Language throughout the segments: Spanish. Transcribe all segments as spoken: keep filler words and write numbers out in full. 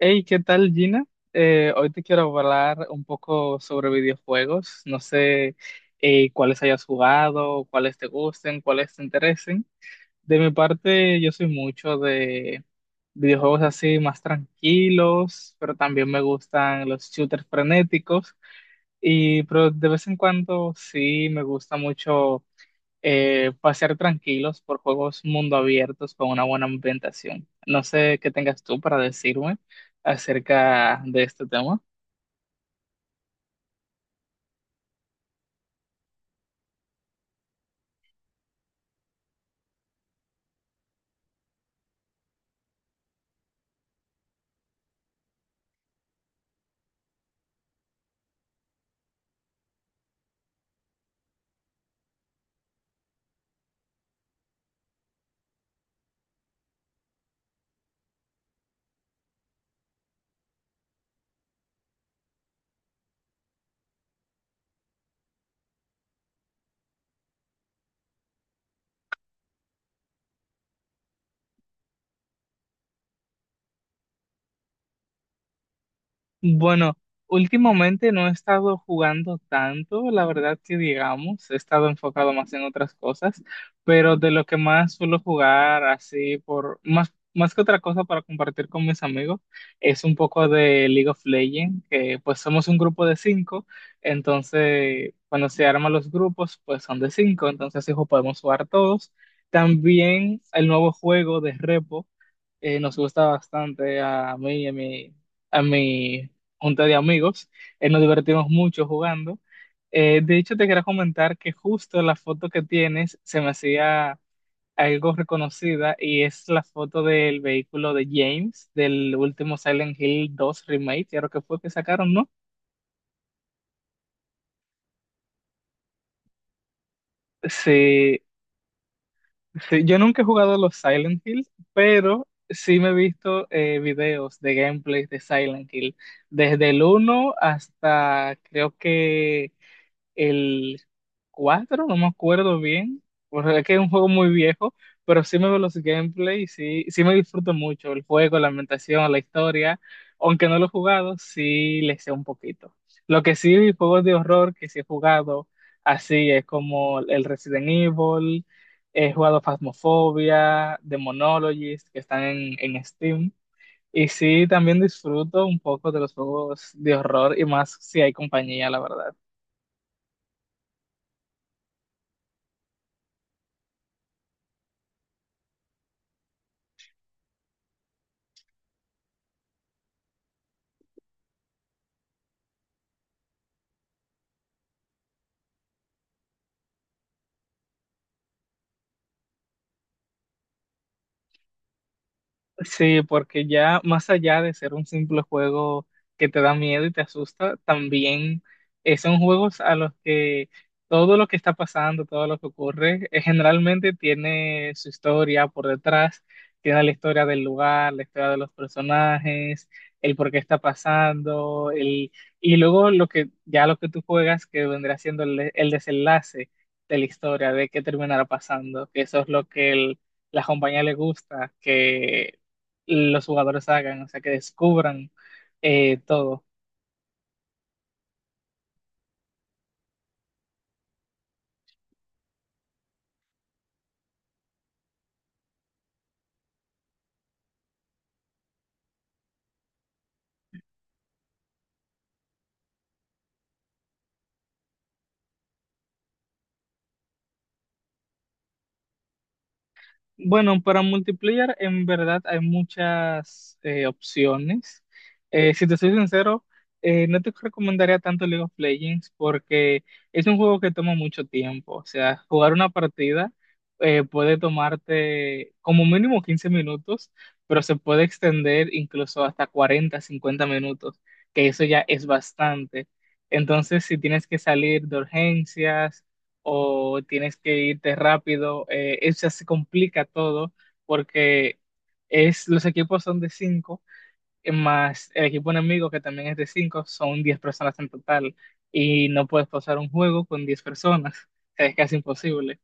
Hey, ¿qué tal, Gina? Eh, hoy te quiero hablar un poco sobre videojuegos. No sé eh, cuáles hayas jugado, cuáles te gusten, cuáles te interesen. De mi parte, yo soy mucho de videojuegos así más tranquilos, pero también me gustan los shooters frenéticos. Y pero de vez en cuando sí me gusta mucho eh, pasear tranquilos por juegos mundo abiertos con una buena ambientación. No sé qué tengas tú para decirme acerca de este tema. Bueno, últimamente no he estado jugando tanto, la verdad que digamos, he estado enfocado más en otras cosas, pero de lo que más suelo jugar así por más más que otra cosa para compartir con mis amigos es un poco de League of Legends, que pues somos un grupo de cinco, entonces cuando se arman los grupos pues son de cinco, entonces hijo podemos jugar todos. También el nuevo juego de Repo eh, nos gusta bastante a mí y a mi, a mi junta de amigos. Eh, nos divertimos mucho jugando. Eh, de hecho, te quería comentar que justo la foto que tienes se me hacía algo reconocida y es la foto del vehículo de James del último Silent Hill dos Remake, creo que fue que sacaron, ¿no? Sí, sí, yo nunca he jugado los Silent Hill, pero sí me he visto eh, videos de gameplay de Silent Hill, desde el uno hasta creo que el cuatro no me acuerdo bien, porque es que es un juego muy viejo, pero sí me veo los gameplay sí, sí me disfruto mucho el juego, la ambientación, la historia, aunque no lo he jugado, sí le sé un poquito. Lo que sí, juegos de horror que sí he jugado, así es como el Resident Evil, he jugado Phasmophobia, Demonologist, que están en, en Steam. Y sí, también disfruto un poco de los juegos de horror y más si hay compañía, la verdad. Sí, porque ya más allá de ser un simple juego que te da miedo y te asusta, también eh, son juegos a los que todo lo que está pasando, todo lo que ocurre, eh, generalmente tiene su historia por detrás, tiene la historia del lugar, la historia de los personajes, el por qué está pasando, el, y luego lo que ya lo que tú juegas que vendrá siendo el, el desenlace de la historia, de qué terminará pasando, que eso es lo que el la compañía le gusta, que los jugadores hagan, o sea, que descubran eh, todo. Bueno, para multiplayer en verdad hay muchas eh, opciones. Eh, si te soy sincero, eh, no te recomendaría tanto League of Legends porque es un juego que toma mucho tiempo. O sea, jugar una partida eh, puede tomarte como mínimo quince minutos, pero se puede extender incluso hasta cuarenta, cincuenta minutos, que eso ya es bastante. Entonces, si tienes que salir de urgencias, o tienes que irte rápido. Eh, eso se complica todo porque es, los equipos son de cinco, eh, más el equipo enemigo que también es de cinco, son diez personas en total y no puedes pasar un juego con diez personas. O sea, es casi imposible.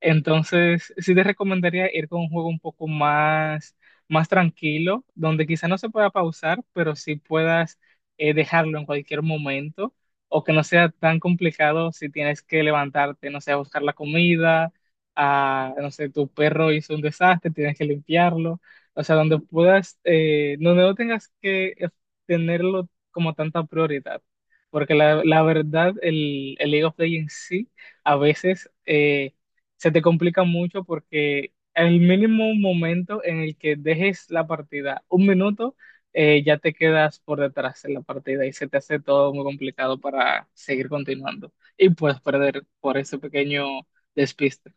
Entonces, sí te recomendaría ir con un juego un poco más, más tranquilo, donde quizá no se pueda pausar, pero sí puedas eh, dejarlo en cualquier momento, o que no sea tan complicado si tienes que levantarte, no sé, a buscar la comida, a, no sé, tu perro hizo un desastre, tienes que limpiarlo, o sea, donde puedas, eh, donde no tengas que eh, tenerlo como tanta prioridad, porque la, la verdad, el, el League of Legends sí a veces eh, se te complica mucho porque el mínimo momento en el que dejes la partida, un minuto, eh, ya te quedas por detrás en la partida y se te hace todo muy complicado para seguir continuando y puedes perder por ese pequeño despiste.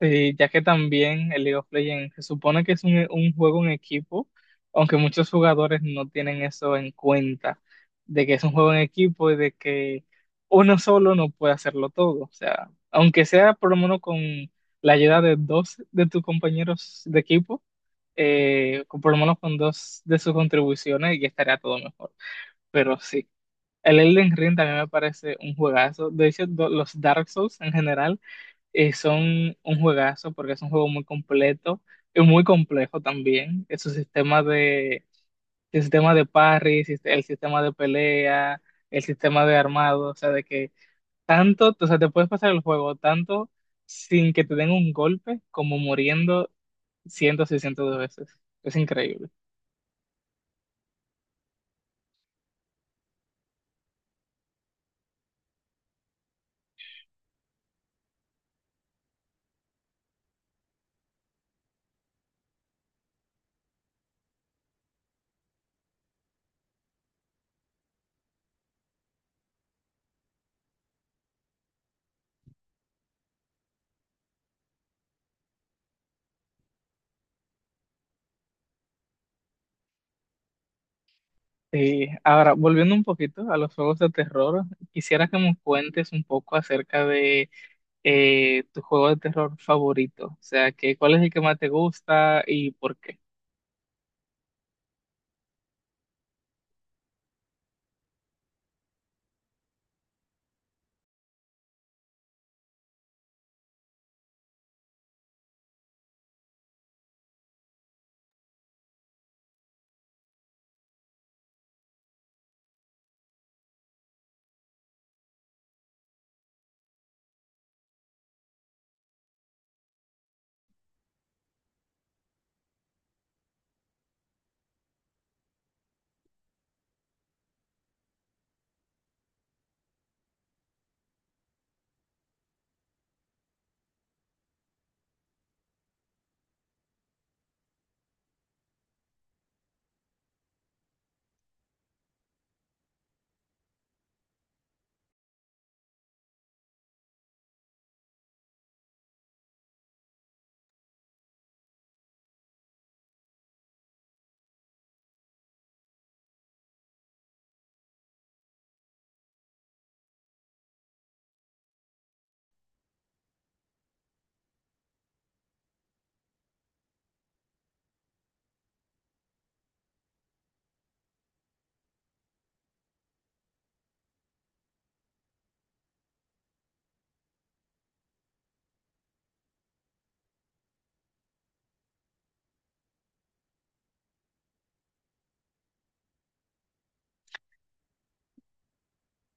Sí, ya que también el League of Legends se supone que es un, un juego en equipo, aunque muchos jugadores no tienen eso en cuenta, de que es un juego en equipo y de que uno solo no puede hacerlo todo. O sea, aunque sea por lo menos con la ayuda de dos de tus compañeros de equipo, eh, con- por lo menos con dos de sus contribuciones, ya estaría todo mejor. Pero sí. El Elden Ring también me parece un juegazo. De hecho, do- los Dark Souls en general eh, son un juegazo porque es un juego muy completo y muy complejo también. Es su sistema de, el sistema de parry, sis- el sistema de pelea, el sistema de armado, o sea, de que tanto, o sea, te puedes pasar el juego tanto sin que te den un golpe como muriendo cientos y cientos de veces. Es increíble. Sí, ahora volviendo un poquito a los juegos de terror, quisiera que me cuentes un poco acerca de eh, tu juego de terror favorito, o sea, que, ¿cuál es el que más te gusta y por qué?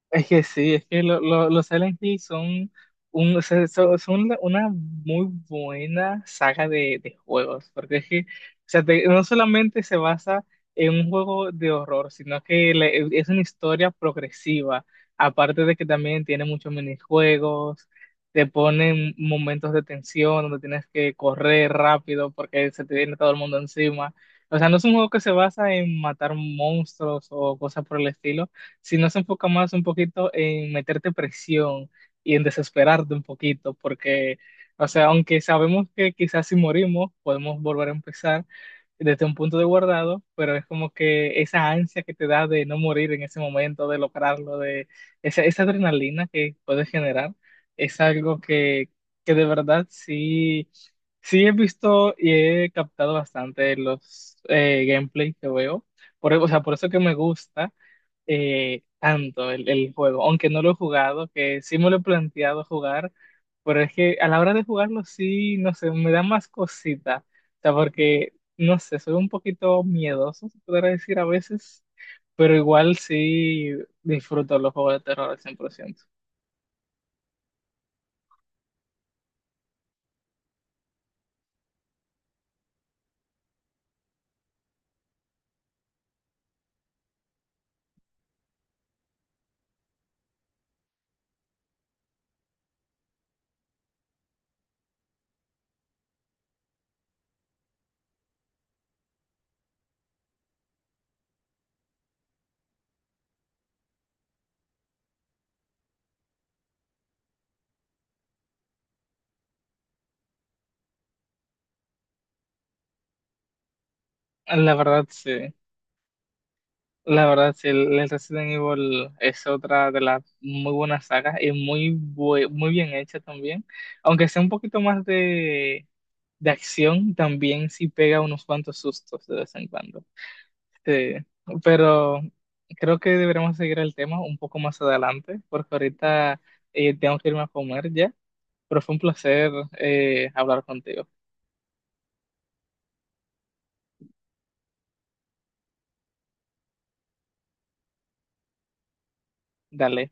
Es que sí, es que lo- lo- los Silent Hill son, un, o sea, so- son una una muy buena saga de, de juegos, porque es que, o sea, te- no solamente se basa en un juego de horror, sino que le- es una historia progresiva, aparte de que también tiene muchos minijuegos, te ponen momentos de tensión donde tienes que correr rápido porque se te viene todo el mundo encima. O sea, no es un juego que se basa en matar monstruos o cosas por el estilo sino se enfoca más un poquito en meterte presión y en desesperarte un poquito, porque, o sea, aunque sabemos que quizás si morimos podemos volver a empezar desde un punto de guardado, pero es como que esa ansia que te da de no morir en ese momento, de lograrlo, de esa, esa adrenalina que puedes generar, es algo que, que de verdad sí, sí he visto y he captado bastante los eh, gameplay que veo. Por, o sea, por eso que me gusta, eh, tanto el, el juego, aunque no lo he jugado, que sí me lo he planteado jugar, pero es que a la hora de jugarlo sí, no sé, me da más cosita, o sea, porque, no sé, soy un poquito miedoso, se podría decir a veces, pero igual sí disfruto los juegos de terror al cien por ciento. La verdad, sí. La verdad, sí, el el Resident Evil es otra de las muy buenas sagas y muy, bue- muy bien hecha también. Aunque sea un poquito más de, de acción, también sí pega unos cuantos sustos de vez en cuando. Sí, pero creo que deberíamos seguir el tema un poco más adelante, porque ahorita eh, tengo que irme a comer ya. Pero fue un placer eh, hablar contigo. Dale.